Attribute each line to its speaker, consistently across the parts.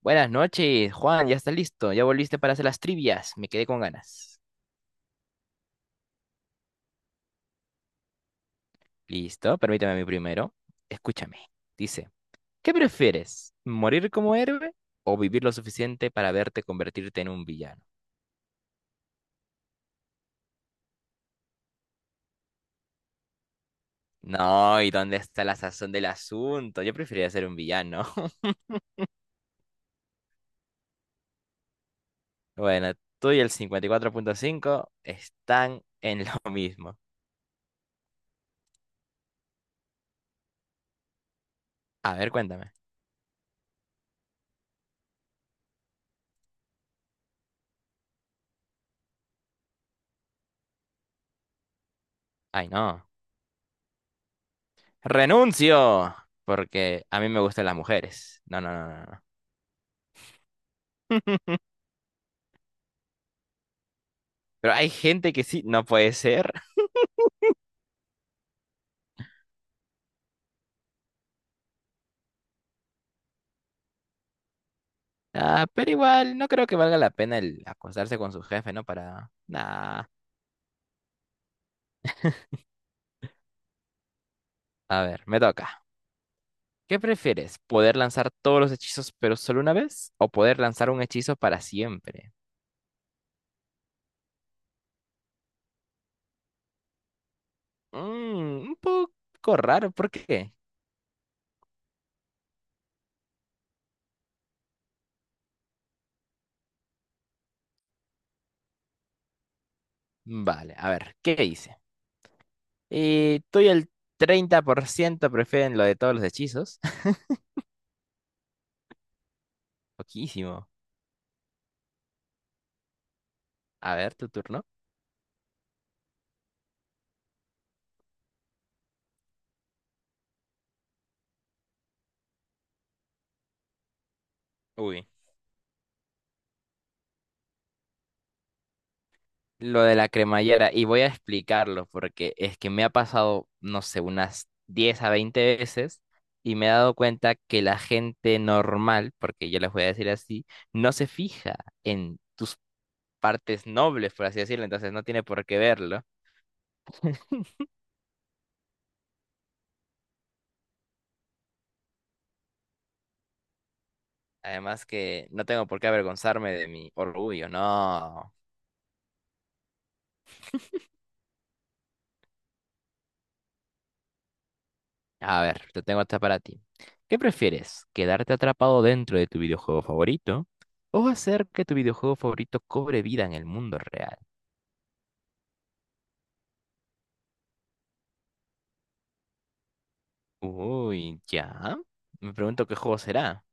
Speaker 1: Buenas noches, Juan, ya estás listo, ya volviste para hacer las trivias, me quedé con ganas. Listo, permítame a mí primero. Escúchame, dice, ¿qué prefieres? ¿Morir como héroe o vivir lo suficiente para verte convertirte en un villano? No, ¿y dónde está la sazón del asunto? Yo preferiría ser un villano. Bueno, tú y el 54.5 están en lo mismo. A ver, cuéntame. Ay, no. Renuncio, porque a mí me gustan las mujeres. No, no, no, no, no. Pero hay gente que sí, no puede ser. Ah, pero igual, no creo que valga la pena el acostarse con su jefe, ¿no? Para... Nah. A ver, me toca. ¿Qué prefieres? ¿Poder lanzar todos los hechizos pero solo una vez? ¿O poder lanzar un hechizo para siempre? Un poco raro, ¿por qué? Vale, a ver, ¿qué dice? Tú y el 30% prefieren lo de todos los hechizos. Poquísimo. A ver, tu turno. Uy, lo de la cremallera, y voy a explicarlo porque es que me ha pasado, no sé, unas 10 a 20 veces, y me he dado cuenta que la gente normal, porque yo les voy a decir así, no se fija en tus partes nobles, por así decirlo, entonces no tiene por qué verlo. Además que no tengo por qué avergonzarme de mi orgullo, no. A ver, te tengo esta para ti. ¿Qué prefieres? ¿Quedarte atrapado dentro de tu videojuego favorito o hacer que tu videojuego favorito cobre vida en el mundo real? Uy, ya. Me pregunto qué juego será.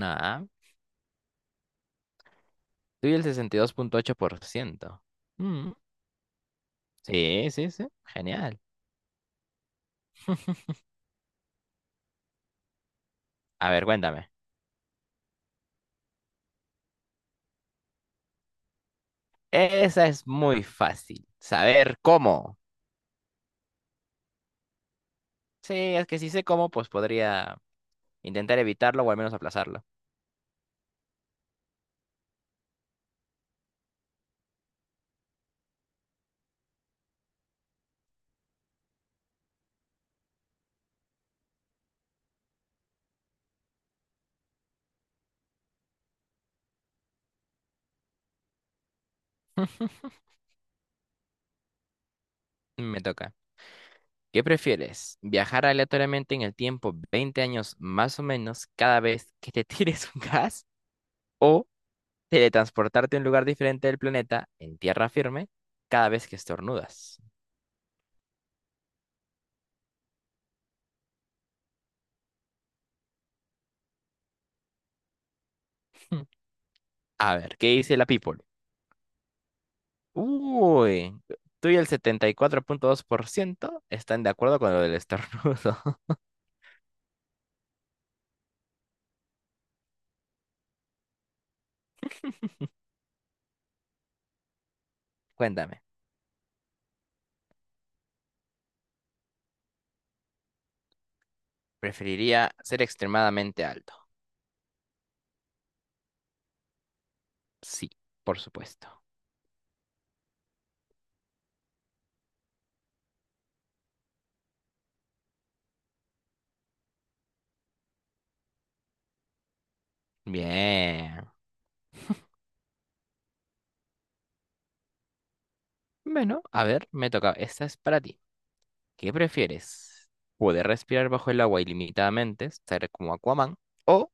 Speaker 1: Ah, estoy el 62.8%. Mm, sí, sí, sí. Genial. A ver, cuéntame. Esa es muy fácil. Saber cómo. Sí, es que si sé cómo, pues podría intentar evitarlo o al menos aplazarlo. Me toca. ¿Qué prefieres? ¿Viajar aleatoriamente en el tiempo 20 años más o menos cada vez que te tires un gas? ¿O teletransportarte a un lugar diferente del planeta, en tierra firme, cada vez que estornudas? A ver, ¿qué dice la people? Uy, tú y el 74.2% están de acuerdo con lo del estornudo. Cuéntame, ¿preferiría ser extremadamente alto? Sí, por supuesto. Bien. Bueno, a ver, me toca. Esta es para ti. ¿Qué prefieres? ¿Poder respirar bajo el agua ilimitadamente, estar como Aquaman, o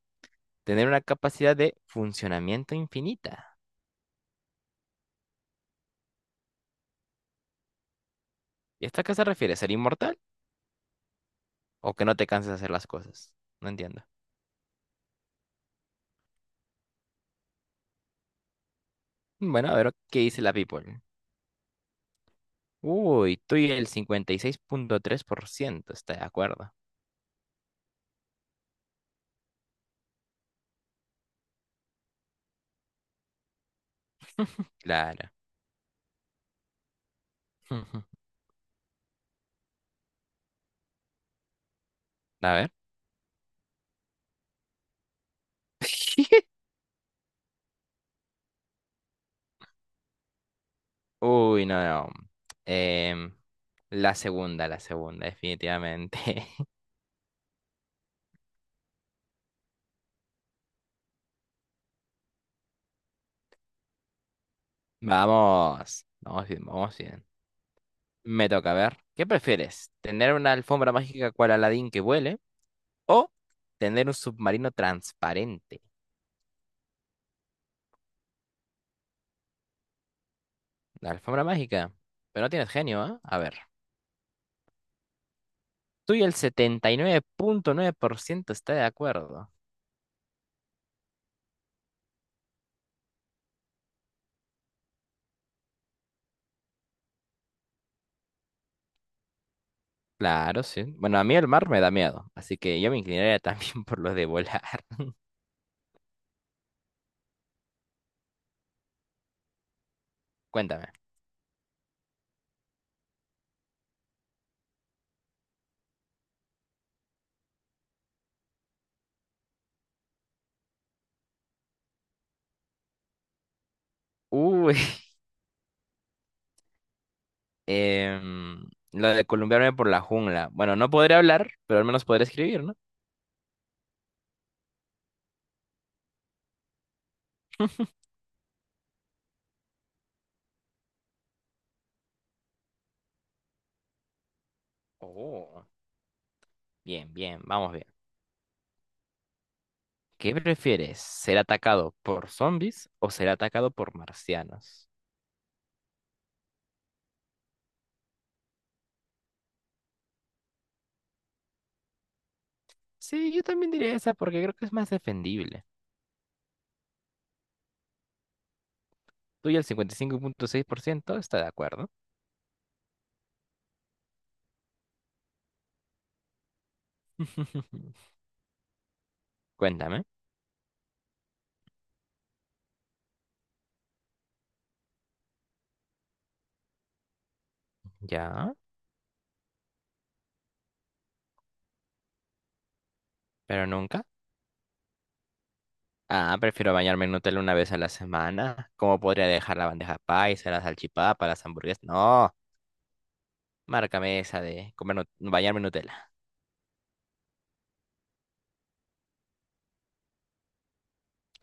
Speaker 1: tener una capacidad de funcionamiento infinita? ¿Y esto a qué se refiere? ¿Ser inmortal? ¿O que no te canses de hacer las cosas? No entiendo. Bueno, a ver qué dice la people. Uy, tú y el 56.3% está de acuerdo. Claro. A ver. Uy, no, no. Em, la segunda, definitivamente. Vamos. Vamos bien, vamos bien. Me toca, a ver. ¿Qué prefieres? ¿Tener una alfombra mágica cual Aladdin que vuele? ¿O tener un submarino transparente? La alfombra mágica. Pero no tienes genio, ¿ah? A ver. Tú y el setenta y nueve punto nueve por ciento está de acuerdo. Claro, sí. Bueno, a mí el mar me da miedo, así que yo me inclinaría también por lo de volar. Cuéntame. Uy, em, lo de columpiarme por la jungla. Bueno, no podré hablar, pero al menos podré escribir, ¿no? Oh, bien, bien, vamos bien. ¿Qué prefieres? ¿Ser atacado por zombies o ser atacado por marcianos? Sí, yo también diría esa porque creo que es más defendible. Tú y el 55.6% está de acuerdo. Cuéntame. Ya, pero nunca. Ah, prefiero bañarme en Nutella una vez a la semana. ¿Cómo podría dejar la bandeja paisa, la salchipapa, las hamburguesas? No, márcame esa de comer bañarme en Nutella.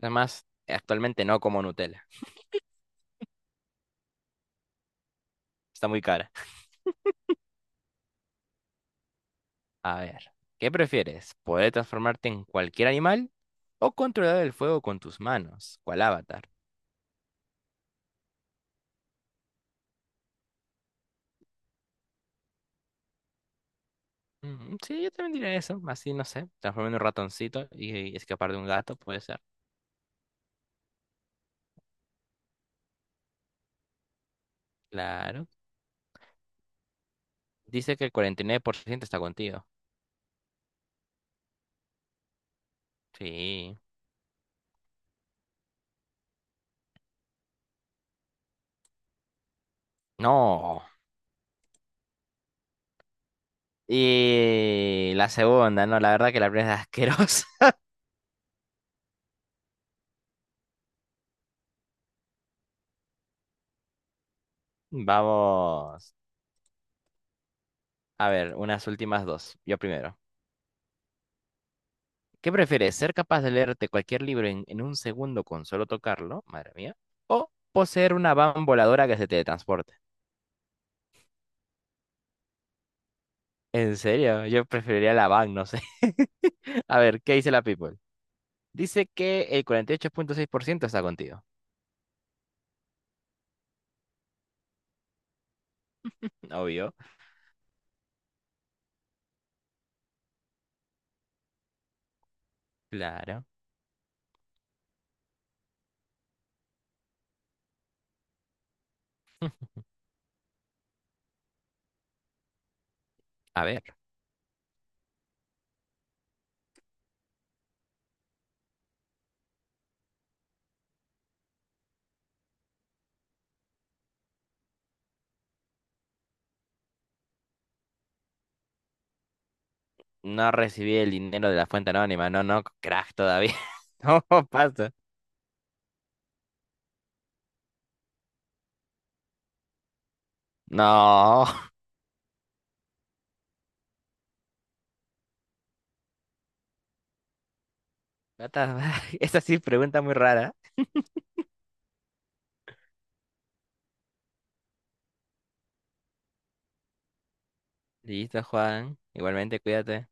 Speaker 1: Además, actualmente no como Nutella. Está muy cara. A ver, ¿qué prefieres? ¿Poder transformarte en cualquier animal o controlar el fuego con tus manos? ¿Cuál avatar? Mm, sí, yo también diría eso. Así, no sé, transformarme en un ratoncito y escapar de un gato, puede ser. Claro. Dice que el 49% está contigo. Sí. No. Y la segunda, no, la verdad que la primera es asquerosa. Vamos. A ver, unas últimas dos. Yo primero. ¿Qué prefieres? ¿Ser capaz de leerte cualquier libro en un segundo con solo tocarlo? Madre mía. ¿O poseer una van voladora que se teletransporte? En serio, yo preferiría la van, no sé. A ver, ¿qué dice la People? Dice que el 48.6% está contigo. Obvio. Claro. A ver. No recibí el dinero de la fuente anónima, no, no, crack todavía. No, pasa. No. What the fuck? Esa sí pregunta muy rara. Listo, Juan. Igualmente, cuídate.